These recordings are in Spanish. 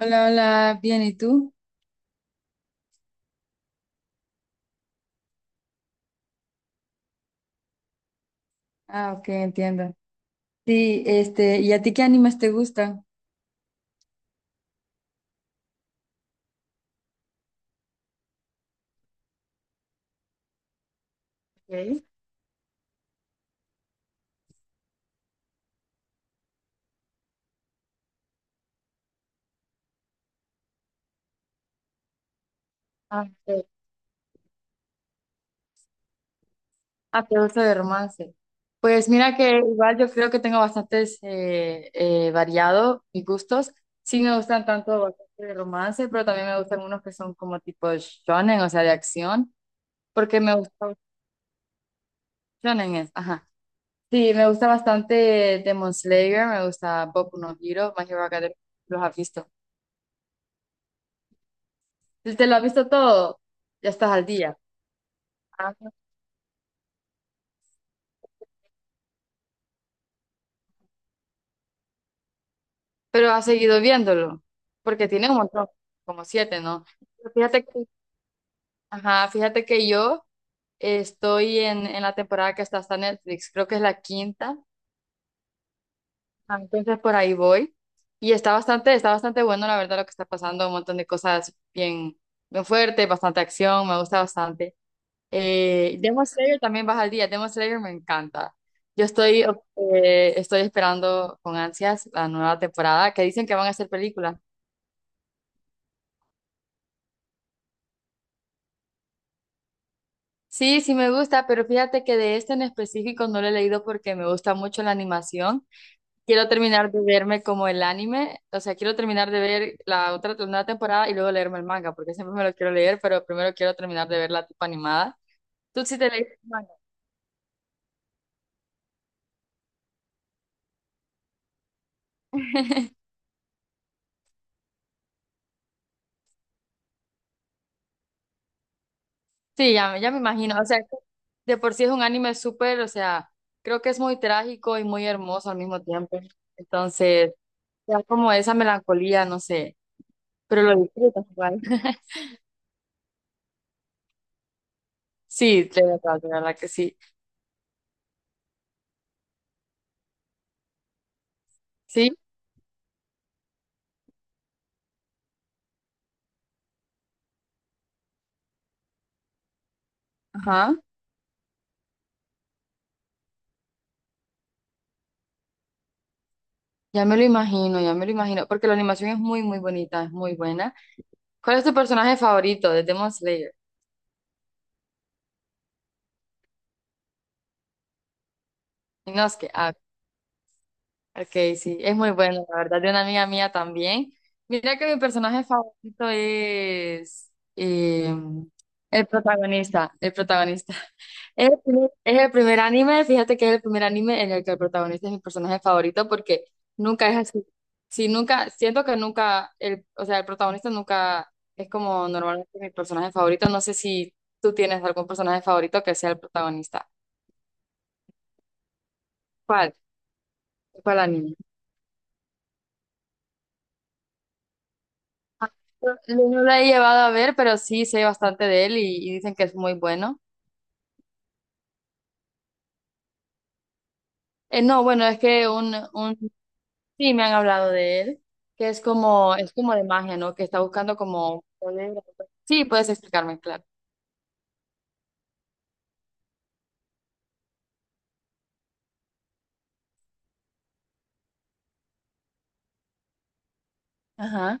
Hola, hola, bien, ¿y tú? Ah, ok, entiendo. Sí, este, ¿y a ti qué animes te gustan? Ok. Ah, ok. Ah, te gusta de romance. Pues mira que igual yo creo que tengo bastantes variado mis gustos. Sí me gustan tanto bastante de romance, pero también me gustan unos que son como tipo shonen, o sea, de acción, porque me gusta shonen es, ajá. Sí, me gusta bastante Demon Slayer, me gusta Boku no Hero, My Hero Academia, los has visto. Si ¿te lo has visto todo? Ya estás al día. Ah, pero has seguido viéndolo, porque tiene un montón, como siete, ¿no? Pero fíjate que, ajá, fíjate que yo estoy en la temporada que está hasta Netflix, creo que es la quinta. Ah, entonces por ahí voy. Y está bastante bueno, la verdad, lo que está pasando, un montón de cosas bien, bien fuertes, bastante acción, me gusta bastante. Demon Slayer también baja al día, Demon Slayer me encanta. Yo estoy, estoy esperando con ansias la nueva temporada, que dicen que van a hacer película. Sí, sí me gusta, pero fíjate que de este en específico no lo he leído porque me gusta mucho la animación. Quiero terminar de verme como el anime, o sea, quiero terminar de ver la otra la nueva temporada y luego leerme el manga, porque siempre me lo quiero leer, pero primero quiero terminar de ver la tipo animada. ¿Tú sí te leíste el manga? Sí, ya, ya me imagino, o sea, que de por sí es un anime súper, o sea, creo que es muy trágico y muy hermoso al mismo tiempo. Entonces, ya como esa melancolía, no sé, pero lo disfrutas igual. Sí, de verdad que sí. Sí, ajá, ya me lo imagino, ya me lo imagino, porque la animación es muy, muy bonita, es muy buena. ¿Cuál es tu personaje favorito de Demon Slayer? Inosuke, ah, ok, sí, es muy bueno, la verdad, de una amiga mía también. Mira que mi personaje favorito es eh, el protagonista, el protagonista. Es el primer anime, fíjate que es el primer anime en el que el protagonista es mi personaje favorito porque nunca es así. Sí, nunca, siento que nunca, el, o sea, el protagonista nunca es como normalmente mi personaje favorito. No sé si tú tienes algún personaje favorito que sea el protagonista. ¿Cuál? ¿Cuál anime? Ah, no, no lo he llevado a ver, pero sí sé bastante de él y dicen que es muy bueno. No, bueno, es que un Sí, me han hablado de él, que es como de magia, ¿no? Que está buscando como poder. Sí, puedes explicarme, claro. Ajá.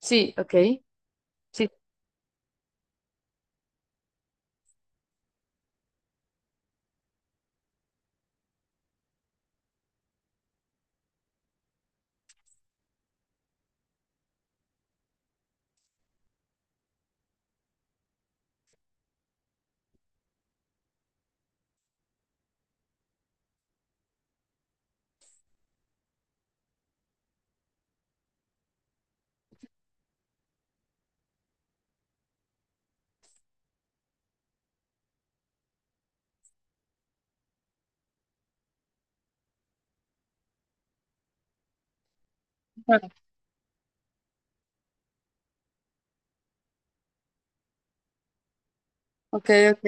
Sí, ok. Sí. Claro. Ok, ok.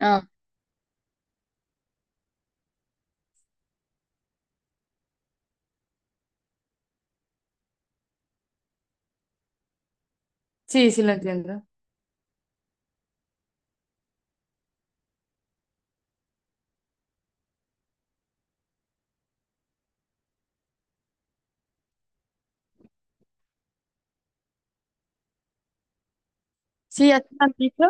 Ah, sí, sí lo entiendo. Sí, así me han dicho.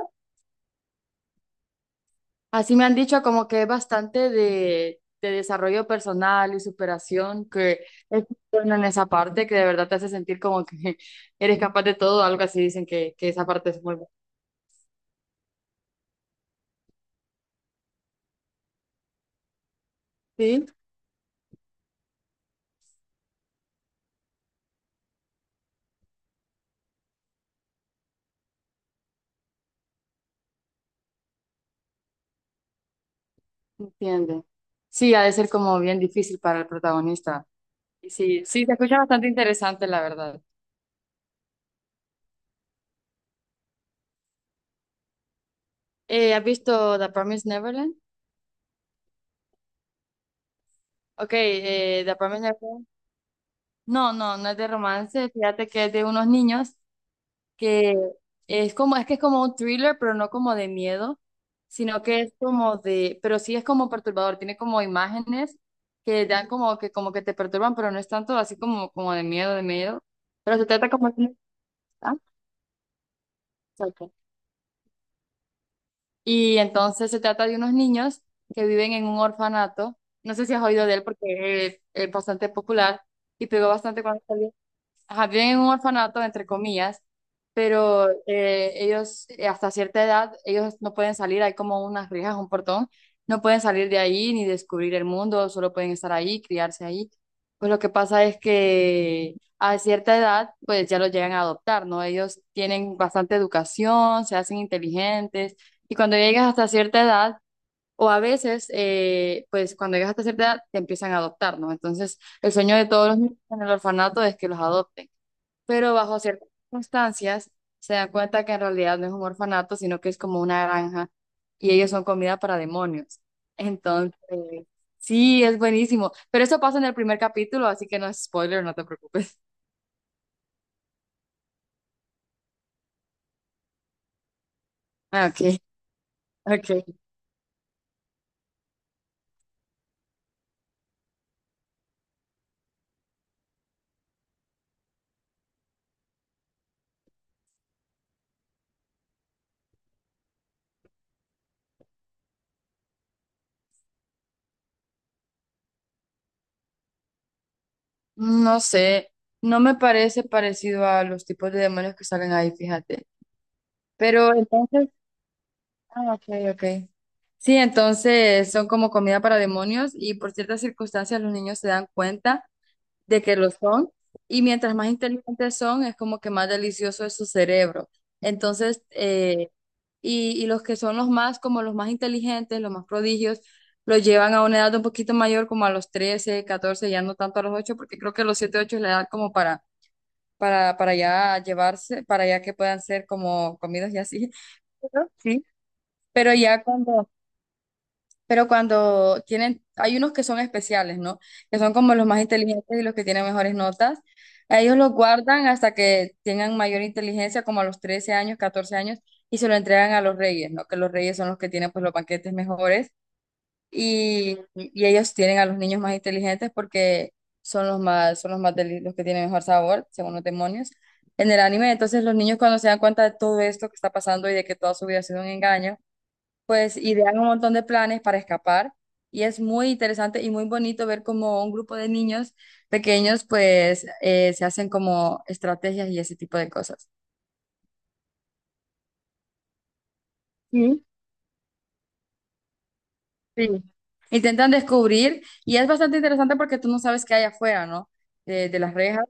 Así me han dicho como que es bastante de desarrollo personal y superación, que es bueno en esa parte, que de verdad te hace sentir como que eres capaz de todo, algo así dicen que esa parte es muy buena. Sí, entiende. Sí, ha de ser como bien difícil para el protagonista. Sí, sí, se escucha bastante interesante, la verdad. ¿Has visto The Promised Neverland? Ok, The Promised Neverland. No, no, no es de romance. Fíjate que es de unos niños que es como, es que es como un thriller, pero no como de miedo, sino que es como de, pero sí es como perturbador. Tiene como imágenes que dan como que te perturban, pero no es tanto así como de miedo, de miedo. Pero se trata como de... ah, ok. Y entonces se trata de unos niños que viven en un orfanato. No sé si has oído de él porque es bastante popular y pegó bastante cuando salió, ajá, viven en un orfanato, entre comillas, pero ellos hasta cierta edad, ellos no pueden salir, hay como unas rejas, un portón, no pueden salir de ahí ni descubrir el mundo, solo pueden estar ahí, criarse ahí. Pues lo que pasa es que a cierta edad, pues ya los llegan a adoptar, ¿no? Ellos tienen bastante educación, se hacen inteligentes, y cuando llegas hasta cierta edad, o a veces, pues cuando llegas hasta cierta edad, te empiezan a adoptar, ¿no? Entonces... el sueño de todos los niños en el orfanato es que los adopten, pero bajo ciertas circunstancias se dan cuenta que en realidad no es un orfanato, sino que es como una granja y ellos son comida para demonios. Entonces, sí, es buenísimo. Pero eso pasa en el primer capítulo, así que no es spoiler, no te preocupes. Ah, ok, ok. No sé, no me parece parecido a los tipos de demonios que salen ahí, fíjate. Pero entonces, ah, ok, ok. Sí, entonces son como comida para demonios y por ciertas circunstancias los niños se dan cuenta de que lo son, y mientras más inteligentes son, es como que más delicioso es su cerebro. Entonces, y los que son los más, como los más inteligentes, los más prodigios, los llevan a una edad un poquito mayor, como a los 13 14, ya no tanto a los 8 porque creo que los 7 8 es la edad como para ya llevarse, para ya que puedan ser como comidos y así. ¿No? Sí. Pero ya cuando pero cuando tienen, hay unos que son especiales, ¿no? Que son como los más inteligentes y los que tienen mejores notas. A ellos los guardan hasta que tengan mayor inteligencia, como a los 13 años, 14 años, y se lo entregan a los reyes, ¿no? Que los reyes son los que tienen pues los banquetes mejores y ellos tienen a los niños más inteligentes porque son los más los que tienen mejor sabor, según los demonios. En el anime, entonces los niños cuando se dan cuenta de todo esto que está pasando y de que toda su vida ha sido un engaño, pues idean un montón de planes para escapar, y es muy interesante y muy bonito ver cómo un grupo de niños pequeños pues se hacen como estrategias y ese tipo de cosas. Sí. Sí. Intentan descubrir y es bastante interesante porque tú no sabes qué hay afuera, ¿no? De las rejas,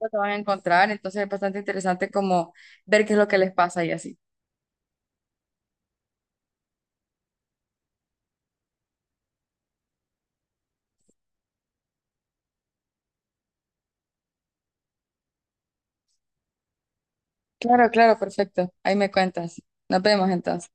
lo que van a encontrar, entonces es bastante interesante como ver qué es lo que les pasa y así. Claro, claro, perfecto. Ahí me cuentas. Nos vemos entonces.